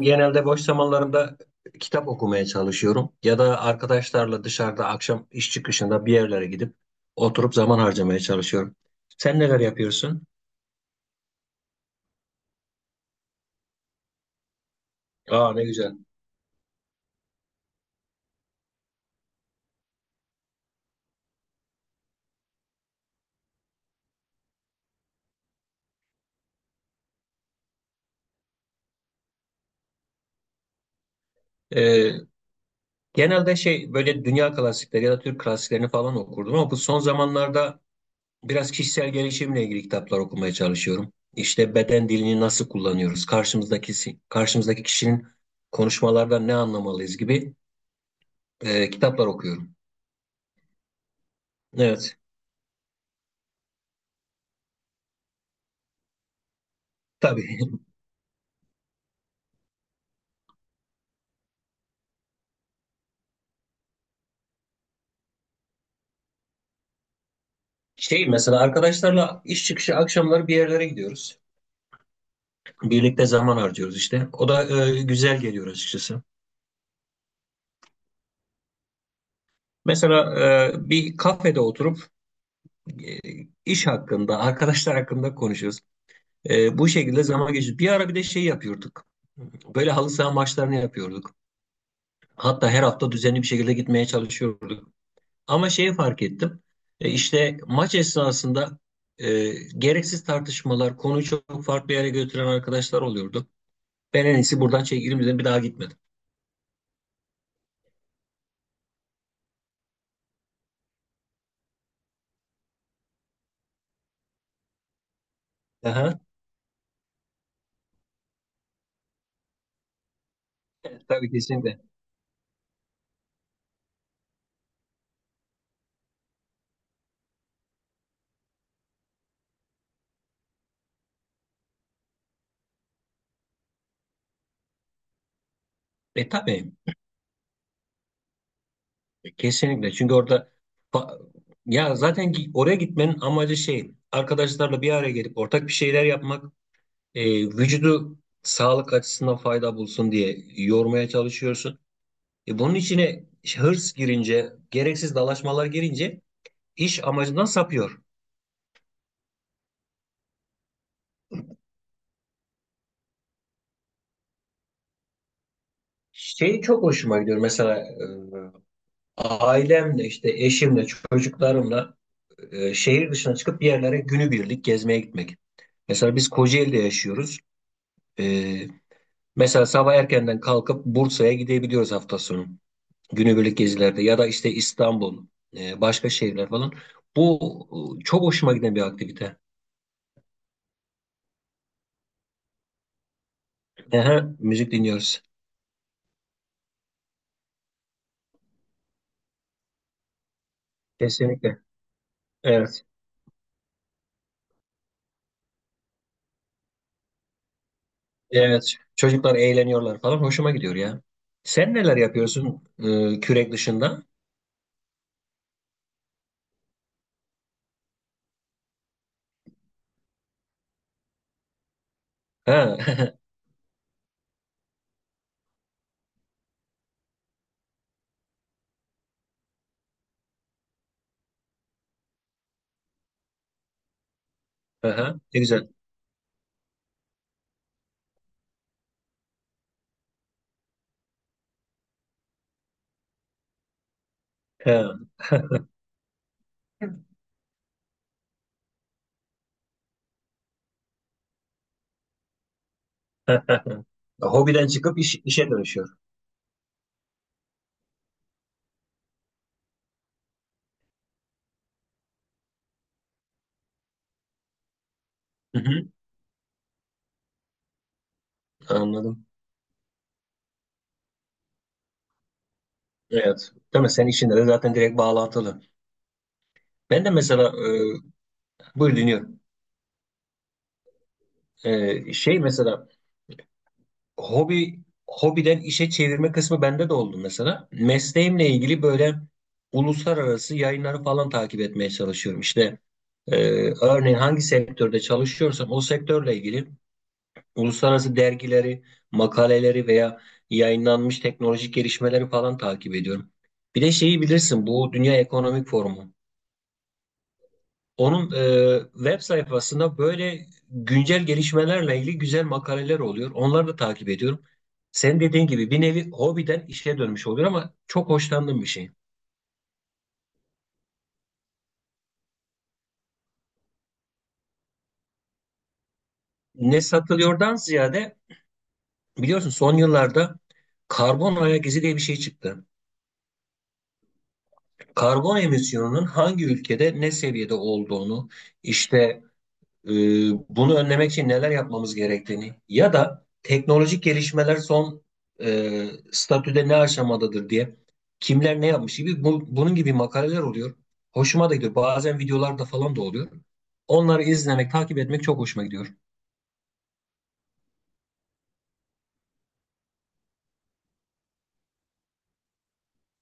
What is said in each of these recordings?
Genelde boş zamanlarımda kitap okumaya çalışıyorum ya da arkadaşlarla dışarıda akşam iş çıkışında bir yerlere gidip oturup zaman harcamaya çalışıyorum. Sen neler yapıyorsun? Aa ne güzel. Ee, genelde şey böyle dünya klasikleri ya da Türk klasiklerini falan okurdum ama bu son zamanlarda biraz kişisel gelişimle ilgili kitaplar okumaya çalışıyorum. İşte beden dilini nasıl kullanıyoruz? Karşımızdaki kişinin konuşmalardan ne anlamalıyız gibi kitaplar okuyorum. Evet. Tabii. Şey mesela arkadaşlarla iş çıkışı akşamları bir yerlere gidiyoruz. Birlikte zaman harcıyoruz işte. O da güzel geliyor açıkçası. Mesela bir kafede oturup e, iş hakkında, arkadaşlar hakkında konuşuyoruz. Bu şekilde zaman geçiyor. Bir ara bir de şey yapıyorduk. Böyle halı saha maçlarını yapıyorduk. Hatta her hafta düzenli bir şekilde gitmeye çalışıyorduk. Ama şeyi fark ettim. İşte maç esnasında e, gereksiz tartışmalar, konuyu çok farklı yere götüren arkadaşlar oluyordu. Ben en iyisi buradan çekilirim dedim. Bir daha gitmedim. Aha. Evet, tabii kesinlikle. Tabii kesinlikle. Çünkü orada fa- ya zaten ki oraya gitmenin amacı şey arkadaşlarla bir araya gelip ortak bir şeyler yapmak vücudu sağlık açısından fayda bulsun diye yormaya çalışıyorsun. Bunun içine hırs girince gereksiz dalaşmalar girince iş amacından sapıyor. Şey çok hoşuma gidiyor mesela ailemle işte eşimle çocuklarımla şehir dışına çıkıp bir yerlere günübirlik gezmeye gitmek. Mesela biz Kocaeli'de yaşıyoruz. E, mesela sabah erkenden kalkıp Bursa'ya gidebiliyoruz hafta sonu. Günübirlik gezilerde ya da işte İstanbul, başka şehirler falan. Bu çok hoşuma giden bir aktivite. Aha, müzik dinliyoruz. Kesinlikle. Evet. Evet. Çocuklar eğleniyorlar falan. Hoşuma gidiyor ya. Sen neler yapıyorsun kürek dışında? Ha. Aha, ne güzel. He. Evet. Hobiden çıkıp işe dönüşüyor. Hı hı. Anladım. Evet. Değil mi? Senin işinde de zaten direkt bağlantılı. Ben de mesela buyur dinliyorum. Şey mesela hobi hobiden işe çevirme kısmı bende de oldu mesela. Mesleğimle ilgili böyle uluslararası yayınları falan takip etmeye çalışıyorum. İşte e, örneğin hangi sektörde çalışıyorsam o sektörle ilgili uluslararası dergileri, makaleleri veya yayınlanmış teknolojik gelişmeleri falan takip ediyorum. Bir de şeyi bilirsin bu Dünya Ekonomik Forumu. Onun web sayfasında böyle güncel gelişmelerle ilgili güzel makaleler oluyor. Onları da takip ediyorum. Sen dediğin gibi bir nevi hobiden işe dönmüş oluyor ama çok hoşlandığım bir şey. Ne satılıyordan ziyade biliyorsun son yıllarda karbon ayak izi diye bir şey çıktı. Karbon emisyonunun hangi ülkede ne seviyede olduğunu, işte e, bunu önlemek için neler yapmamız gerektiğini ya da teknolojik gelişmeler son e, statüde ne aşamadadır diye kimler ne yapmış gibi bunun gibi makaleler oluyor. Hoşuma da gidiyor. Bazen videolarda falan da oluyor. Onları izlemek, takip etmek çok hoşuma gidiyor.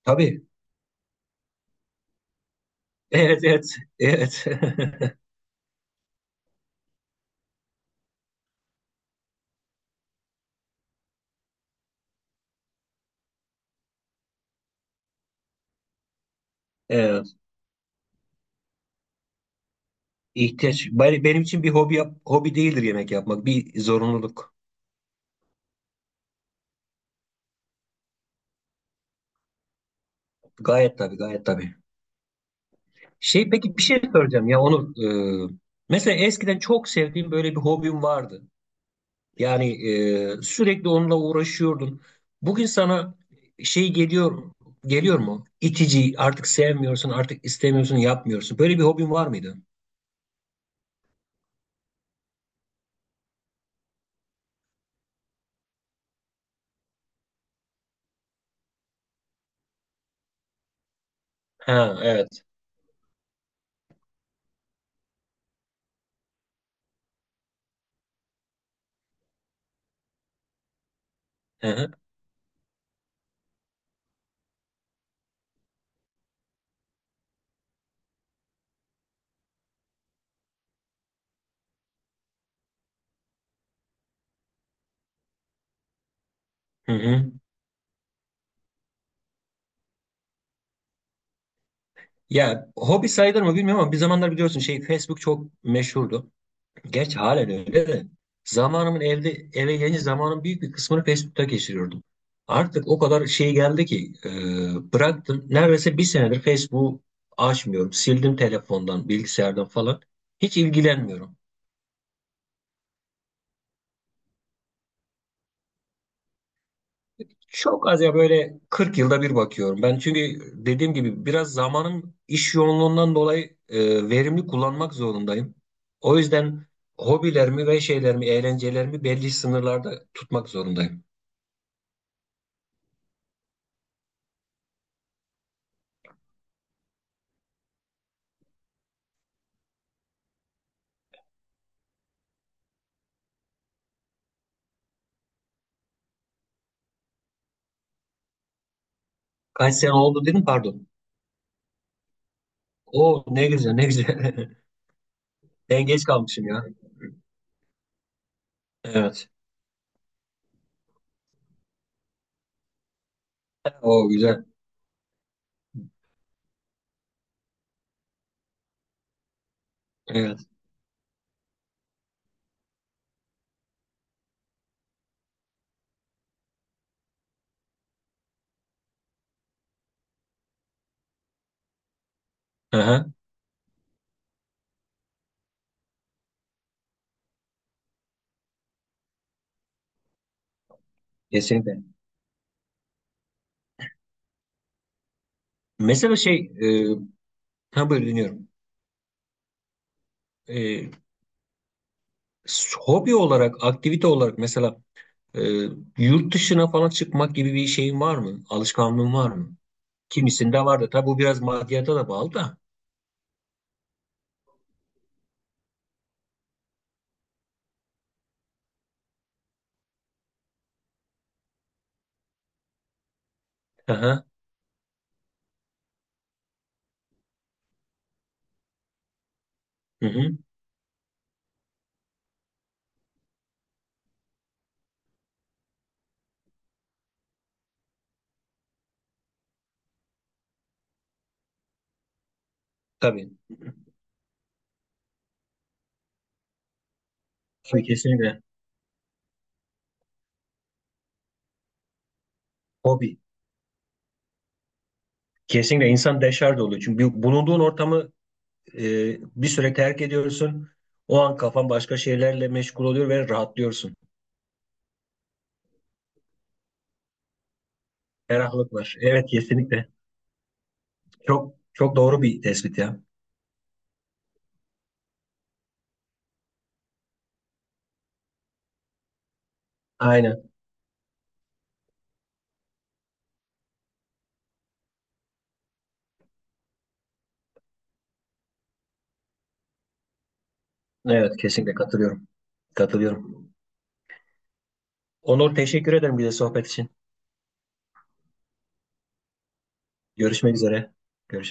Tabii. Evet, evet, evet. Evet. İhtiyaç. Benim için bir hobi hobi değildir yemek yapmak. Bir zorunluluk. Gayet tabii, gayet tabii. Şey peki bir şey soracağım ya Onur. Ee, mesela eskiden çok sevdiğim böyle bir hobim vardı. Yani sürekli onunla uğraşıyordun. Bugün sana şey geliyor mu? İtici, artık sevmiyorsun, artık istemiyorsun, yapmıyorsun. Böyle bir hobin var mıydı? Ha, evet. Hı hı. Hı hı. Ya hobi sayılır mı bilmiyorum ama bir zamanlar biliyorsun şey Facebook çok meşhurdu. Gerçi halen öyle de zamanımın evde eve gelince zamanın büyük bir kısmını Facebook'ta geçiriyordum. Artık o kadar şey geldi ki bıraktım. Neredeyse bir senedir Facebook'u açmıyorum. Sildim telefondan, bilgisayardan falan. Hiç ilgilenmiyorum. Çok az ya böyle 40 yılda bir bakıyorum. Ben çünkü dediğim gibi biraz zamanım iş yoğunluğundan dolayı verimli kullanmak zorundayım. O yüzden hobilerimi ve şeylerimi, eğlencelerimi belli sınırlarda tutmak zorundayım. Kaç sene oldu dedim pardon. Oo ne güzel ne güzel. Ben geç kalmışım ya. Evet. O güzel. Evet. Aha, kesinlikle. Mesela şey ha böyle dinliyorum. E, hobi olarak, aktivite olarak mesela e, yurt dışına falan çıkmak gibi bir şeyin var mı? Alışkanlığın var mı? Kimisinde var da. Tabii bu biraz maddiyata da bağlı da. Aha, hı hı. Tabii. Tabii kesinlikle. Hobi. Kesinlikle insan deşarj oluyor. Çünkü bulunduğun ortamı e, bir süre terk ediyorsun. O an kafan başka şeylerle meşgul oluyor ve rahatlıyorsun. Ferahlık var. Evet kesinlikle. Çok çok doğru bir tespit ya. Aynen. Evet kesinlikle katılıyorum. Katılıyorum. Onur teşekkür ederim bir de sohbet için. Görüşmek üzere. Görüşürüz.